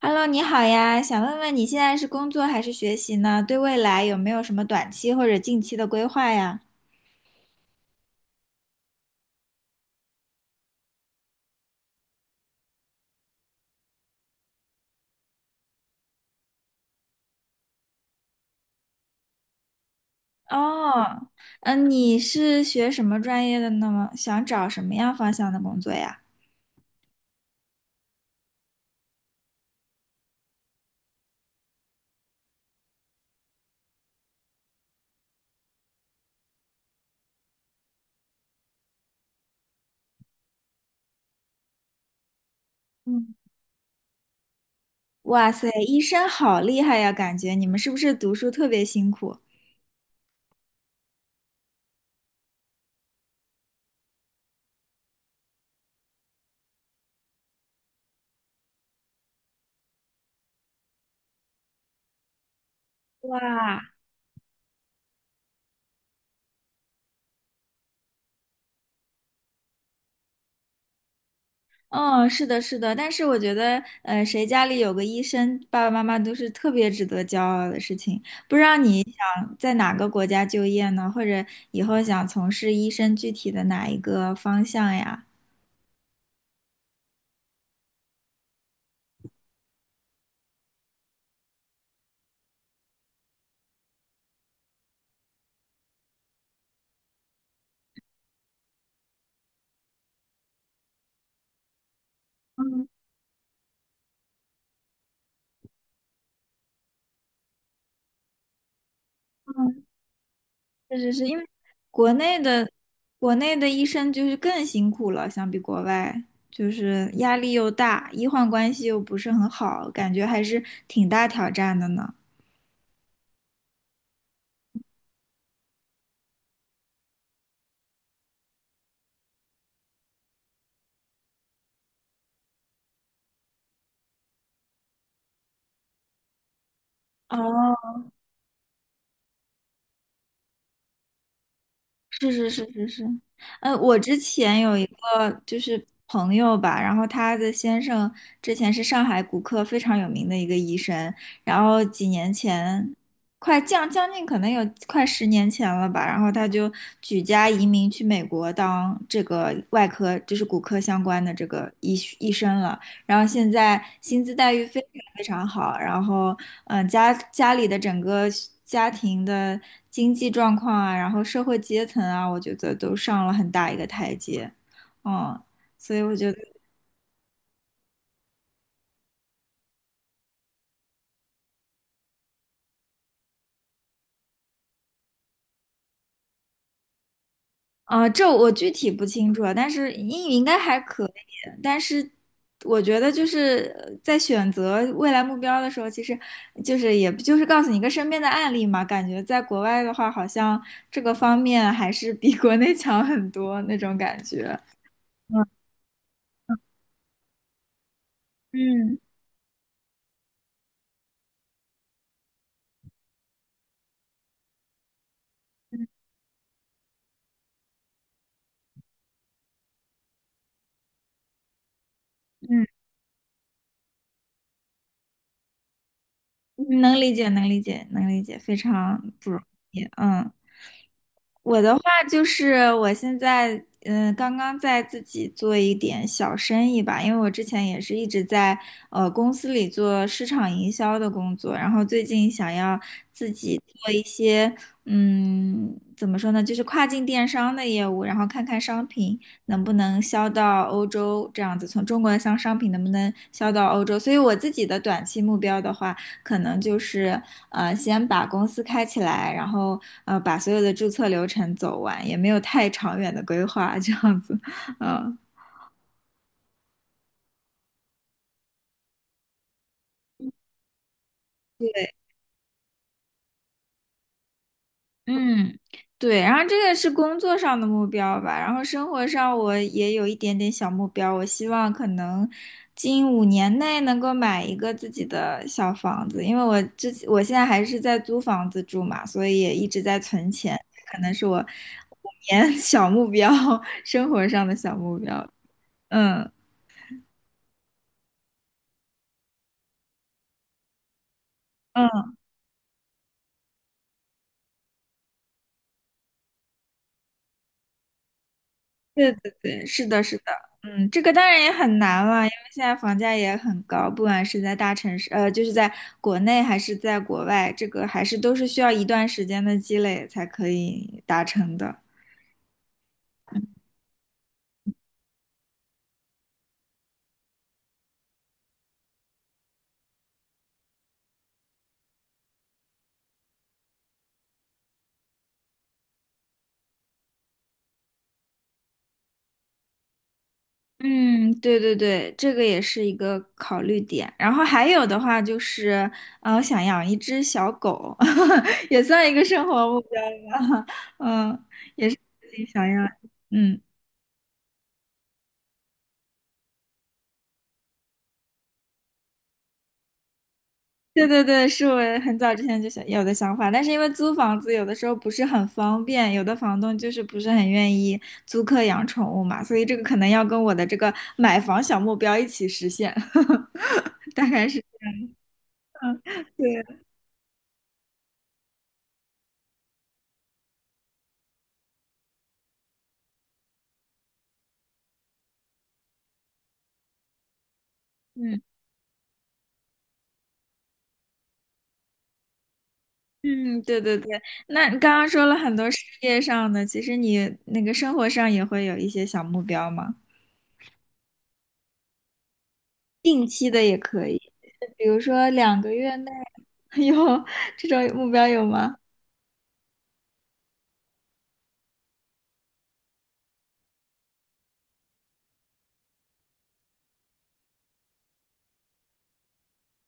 Hello，你好呀，想问问你现在是工作还是学习呢？对未来有没有什么短期或者近期的规划呀？哦，嗯，你是学什么专业的呢？想找什么样方向的工作呀？嗯，哇塞，医生好厉害呀，感觉你们是不是读书特别辛苦？哇，嗯，是的，是的，但是我觉得，谁家里有个医生，爸爸妈妈都是特别值得骄傲的事情。不知道你想在哪个国家就业呢？或者以后想从事医生具体的哪一个方向呀？嗯嗯，确实是，因为国内的国内的医生就是更辛苦了，相比国外，就是压力又大，医患关系又不是很好，感觉还是挺大挑战的呢。哦，是是是是是，嗯，我之前有一个就是朋友吧，然后他的先生之前是上海骨科非常有名的一个医生，然后几年前，快将近可能有快10年前了吧，然后他就举家移民去美国当这个外科，就是骨科相关的这个医生了。然后现在薪资待遇非常非常好，然后嗯，家里的整个家庭的经济状况啊，然后社会阶层啊，我觉得都上了很大一个台阶，嗯，所以我觉得。啊，这我具体不清楚啊，但是英语应该还可以。但是我觉得就是在选择未来目标的时候，其实就是就是告诉你一个身边的案例嘛。感觉在国外的话，好像这个方面还是比国内 强很多那种感觉。嗯嗯嗯，能理解，能理解，能理解，非常不容易。嗯。我的话就是我现在嗯，刚刚在自己做一点小生意吧，因为我之前也是一直在公司里做市场营销的工作，然后最近想要自己做一些嗯，怎么说呢，就是跨境电商的业务，然后看看商品能不能销到欧洲，这样子从中国的商品能不能销到欧洲。所以我自己的短期目标的话。可能就是先把公司开起来，然后把所有的注册流程走完，也没有太长远的规划，这样子，嗯。对。嗯，对，然后这个是工作上的目标吧，然后生活上我也有一点点小目标，我希望可能近5年内能够买一个自己的小房子，因为我之前我现在还是在租房子住嘛，所以也一直在存钱，可能是我5年 小目标，生活上的小目标。嗯嗯对对对，是的，是的，嗯，这个当然也很难了，因为现在房价也很高，不管是在大城市，就是在国内还是在国外，这个还是都是需要一段时间的积累才可以达成的。嗯，对对对，这个也是一个考虑点。然后还有的话就是，我想养一只小狗，也算一个生活目标吧。嗯，也是自己想要。嗯。对对对，是我很早之前就想有的想法，但是因为租房子有的时候不是很方便，有的房东就是不是很愿意租客养宠物嘛，所以这个可能要跟我的这个买房小目标一起实现，大概是 对，嗯嗯，对对对。那你刚刚说了很多事业上的，其实你那个生活上也会有一些小目标吗？定期的也可以，比如说2个月内 有这种目标有吗？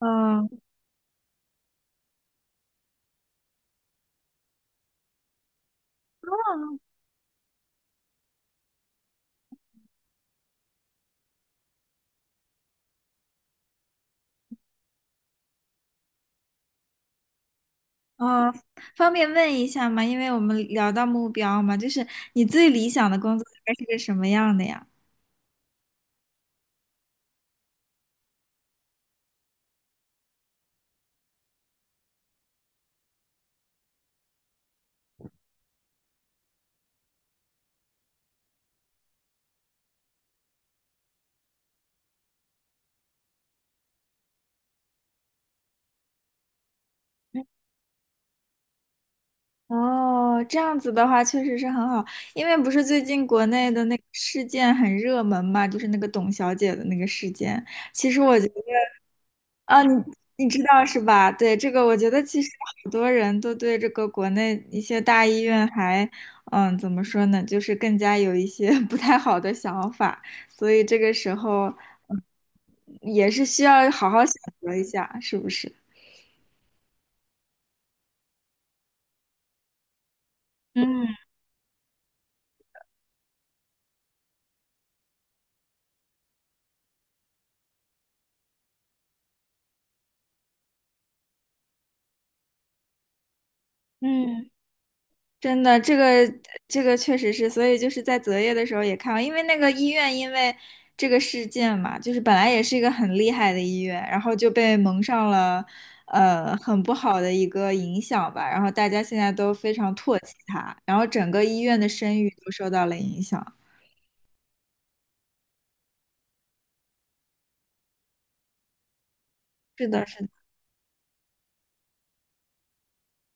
嗯。哦，方便问一下吗？因为我们聊到目标嘛，就是你最理想的工作大概是个什么样的呀？哦，这样子的话确实是很好，因为不是最近国内的那个事件很热门嘛，就是那个董小姐的那个事件。其实我觉得。啊，你知道是吧？对，这个我觉得其实好多人都对这个国内一些大医院还，嗯，怎么说呢，就是更加有一些 不太好的想法，所以这个时候嗯也是需要好好选择一下，是不是？嗯嗯，真的，这个确实是，所以就是在择业的时候也看到，因为那个医院因为这个事件嘛，就是本来也是一个很厉害的医院，然后就被蒙上了很不好的一个影响吧，然后大家现在都非常唾弃它，然后整个医院的声誉都受到了影响。是的，是的。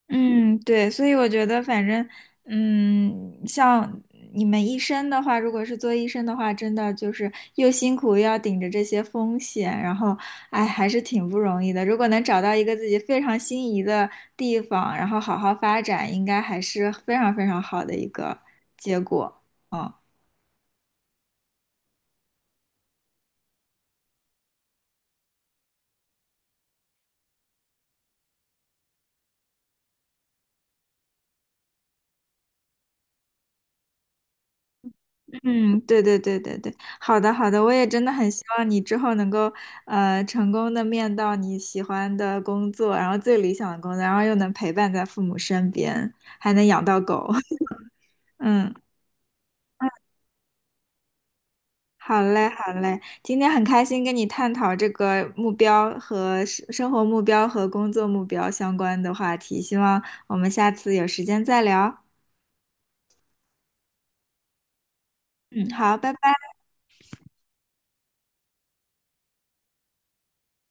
嗯，对，所以我觉得，反正，嗯，像你们医生的话，如果是做医生的话，真的就是又辛苦又要顶着这些风险，然后，哎，还是挺不容易的。如果能找到一个自己非常心仪的地方，然后好好发展，应该还是非常非常好的一个结果。嗯，对对对对对，好的好的，我也真的很希望你之后能够成功的面到你喜欢的工作，然后最理想的工作，然后又能陪伴在父母身边，还能养到狗。嗯，好嘞好嘞，今天很开心跟你探讨这个目标和生活目标和工作目标相关的话题，希望我们下次有时间再聊。嗯，好，拜拜。